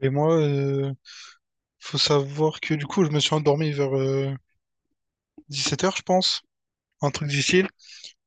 Et moi, faut savoir que du coup, je me suis endormi vers 17h, je pense. Un truc difficile.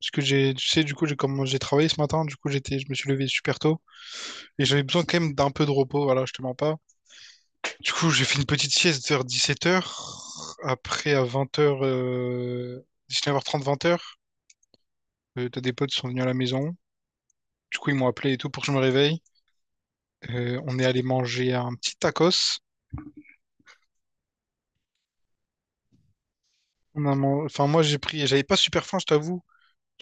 Parce que tu sais, du coup, j'ai comme j'ai travaillé ce matin, du coup, je me suis levé super tôt. Et j'avais besoin quand même d'un peu de repos, voilà, je te mens pas. Du coup, j'ai fait une petite sieste vers 17h. Après, à 20h 9h30, 20h, t'as des potes qui sont venus à la maison. Du coup, ils m'ont appelé et tout pour que je me réveille. On est allé manger un petit tacos. Enfin, moi, j'ai pris, j'avais pas super faim, je t'avoue.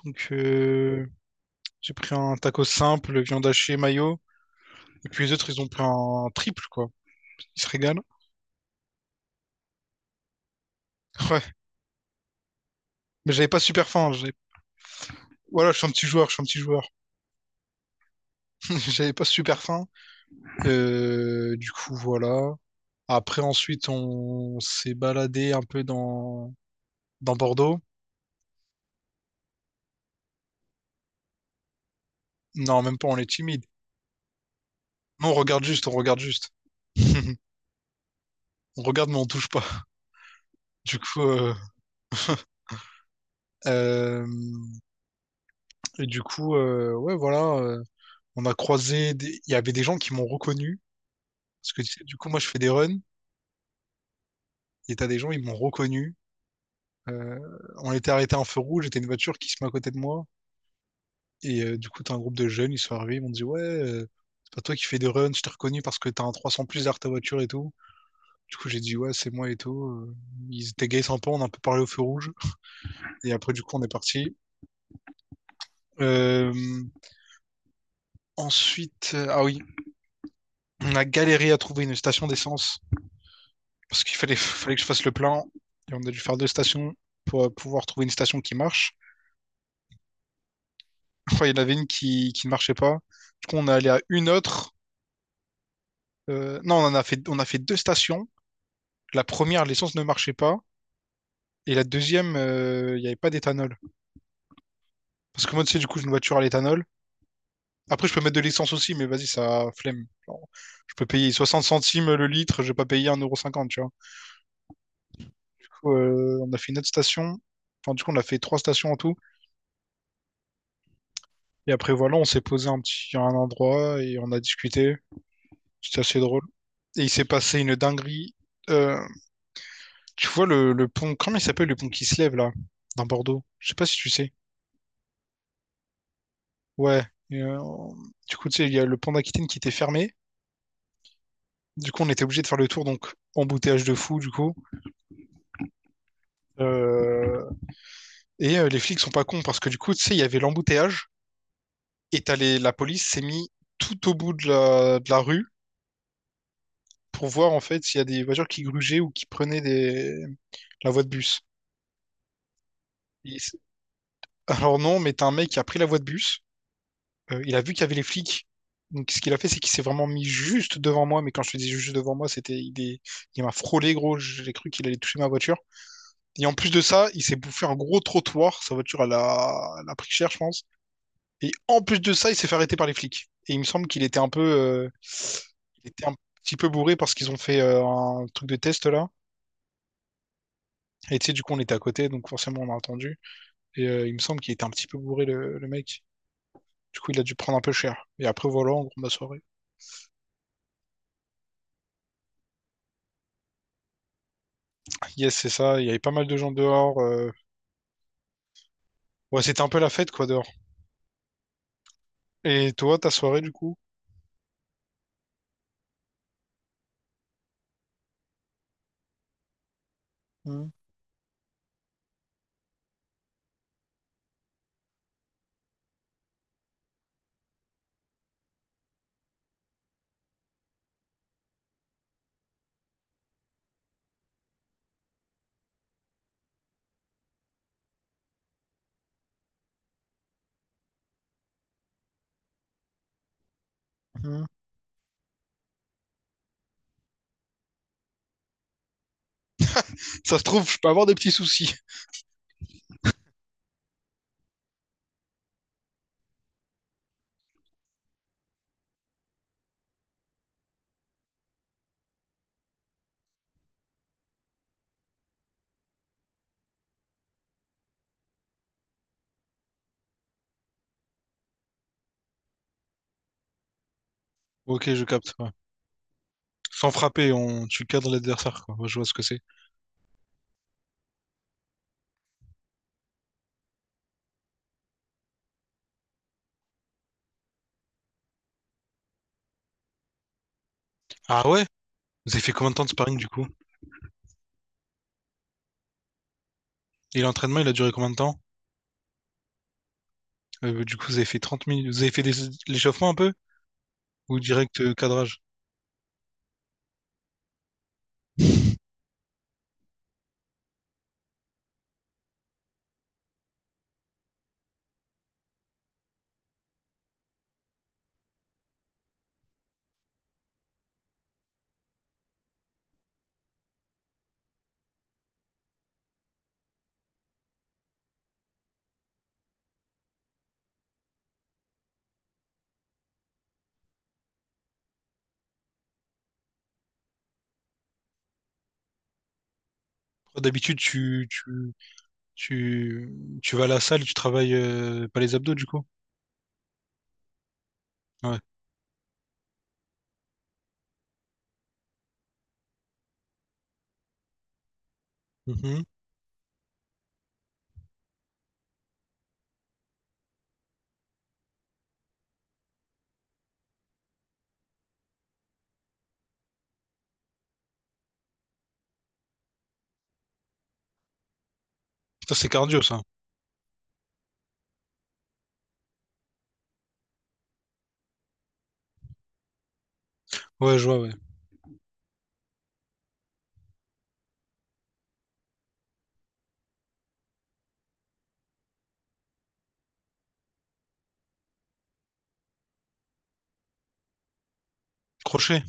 Donc, j'ai pris un taco simple, viande hachée, mayo. Et puis les autres, ils ont pris un triple, quoi. Ils se régalent. Ouais. Mais j'avais pas super faim. Voilà, je suis un petit joueur, je suis un petit joueur. J'avais pas super faim. Du coup, voilà. Après, ensuite, on s'est baladé un peu dans Bordeaux. Non, même pas, on est timide. Non, on regarde juste, on regarde juste. On regarde, mais on touche pas. Du coup, euh, et du coup, ouais, voilà. On a croisé. Il y avait des gens qui m'ont reconnu. Parce que tu sais, du coup, moi, je fais des runs et t'as des gens, ils m'ont reconnu. Euh, on était arrêté en feu rouge, j'étais une voiture qui se met à côté de moi. Et du coup, t'as un groupe de jeunes, ils sont arrivés, ils m'ont dit, ouais, c'est pas toi qui fais des runs, je t'ai reconnu parce que t'as un 300 plus derrière ta voiture et tout. Du coup, j'ai dit, ouais, c'est moi et tout. Ils étaient gays sympas, on a un peu parlé au feu rouge. Et après, du coup, on est parti. Euh, Ensuite, ah oui, on a galéré à trouver une station d'essence parce qu'il fallait que je fasse le plein. Et on a dû faire deux stations pour pouvoir trouver une station qui marche. Enfin, il y en avait une qui ne marchait pas. Du coup, on est allé à une autre. Non, on a fait deux stations. La première, l'essence ne marchait pas. Et la deuxième, il n'y avait pas d'éthanol. Parce que moi, tu sais, du coup, j'ai une voiture à l'éthanol. Après, je peux mettre de l'essence aussi, mais vas-y, ça flemme. Genre, je peux payer 60 centimes le litre, je vais pas payer 1,50€, tu vois. Du coup, on a fait une autre station. Enfin, du coup, on a fait trois stations en tout. Et après, voilà, on s'est posé un petit, à un endroit et on a discuté. C'était assez drôle. Et il s'est passé une dinguerie. Euh, Tu vois le pont, comment il s'appelle le pont qui se lève là, dans Bordeaux? Je sais pas si tu sais. Ouais. Et, du coup, tu sais, il y a le pont d'Aquitaine qui était fermé. Du coup, on était obligé de faire le tour, donc embouteillage de fou, du coup. Euh, Et les flics sont pas cons parce que du coup, tu sais, il y avait l'embouteillage et t'as la police s'est mis tout au bout de la rue pour voir en fait s'il y a des voitures qui grugeaient ou qui prenaient la voie de bus. Et c'est- Alors non, mais t'as un mec qui a pris la voie de bus. Il a vu qu'il y avait les flics. Donc, ce qu'il a fait, c'est qu'il s'est vraiment mis juste devant moi. Mais quand je te dis juste devant moi, il m'a frôlé, gros. J'ai cru qu'il allait toucher ma voiture. Et en plus de ça, il s'est bouffé un gros trottoir. Sa voiture, elle a pris cher, je pense. Et en plus de ça, il s'est fait arrêter par les flics. Et il me semble qu'il était un petit peu bourré parce qu'ils ont fait un truc de test là. Et tu sais, du coup, on était à côté, donc forcément, on a entendu. Et il me semble qu'il était un petit peu bourré, le mec. Du coup, il a dû prendre un peu cher. Et après, voilà, en gros, ma soirée. Yes, c'est ça. Il y avait pas mal de gens dehors. Ouais, c'était un peu la fête, quoi, dehors. Et toi, ta soirée, du coup? Hum, hum. Ça se trouve, je peux avoir des petits soucis. Ok, je capte. Ouais. Sans frapper, tu cadres l'adversaire, quoi. Ouais, je vois ce que c'est. Ah ouais? Vous avez fait combien de temps de sparring, du coup? Et l'entraînement, il a duré combien de temps? Du coup, vous avez fait 30 minutes. Vous avez fait l'échauffement un peu? Ou direct cadrage? D'habitude, tu, tu vas à la salle, tu travailles pas les abdos, du coup? Ouais. Mhm. Ça, c'est cardio, ça. Ouais, je vois, ouais. Crochet?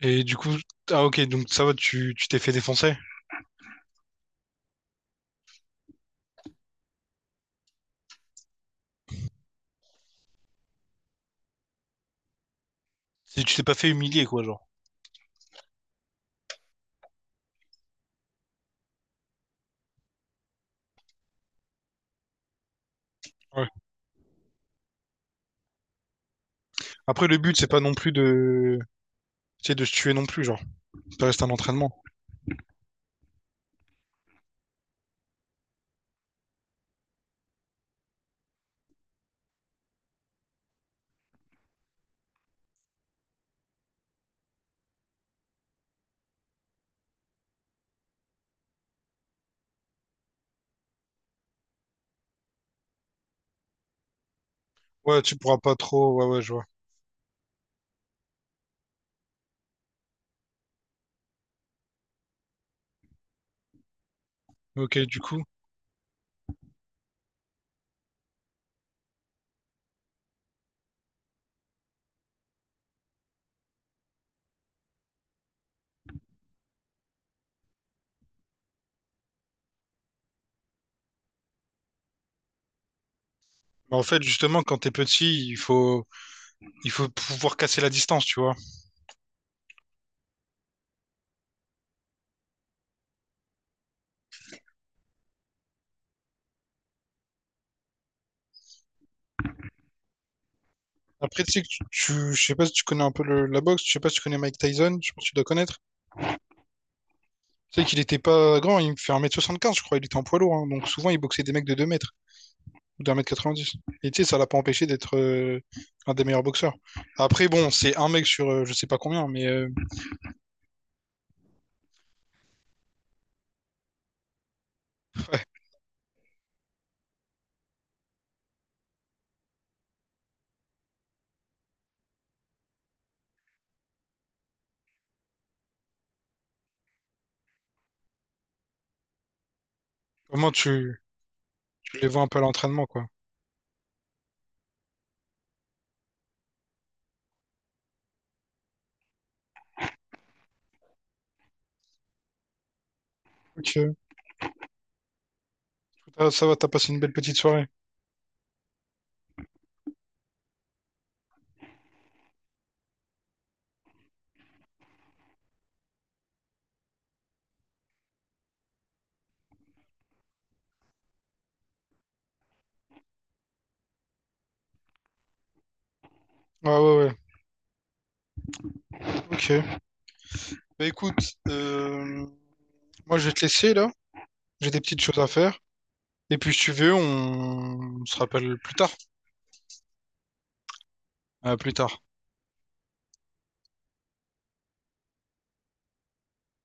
Et du coup, ah ok, donc ça va, tu t'es fait défoncer. Tu t'es pas fait humilier, quoi, genre. Ouais. Après, le but, c'est pas non plus de, tu sais, de se tuer non plus, genre. Ça reste un entraînement. Ouais, tu pourras pas trop. Ouais, ouais, je vois. Ok, du coup. Mais en fait, justement, quand t'es petit, il faut pouvoir casser la distance, tu vois. Après, tu sais que je sais pas si tu connais un peu la boxe, je sais pas si tu connais Mike Tyson, je pense que tu dois connaître. Tu sais qu'il était pas grand, il me fait 1,75 m, je crois, il était en poids lourd, hein. Donc souvent il boxait des mecs de 2 mètres ou d'un mètre 90. Et tu sais, ça l'a pas empêché d'être un des meilleurs boxeurs. Après, bon, c'est un mec sur je sais pas combien, mais au moins tu les vois un peu à l'entraînement, quoi. Ok, Ah, ça va, t'as passé une belle petite soirée. Ouais, ouais, ouais. Ok. Bah écoute, euh, moi je vais te laisser là, j'ai des petites choses à faire. Et puis si tu veux, on se rappelle plus tard. À plus tard.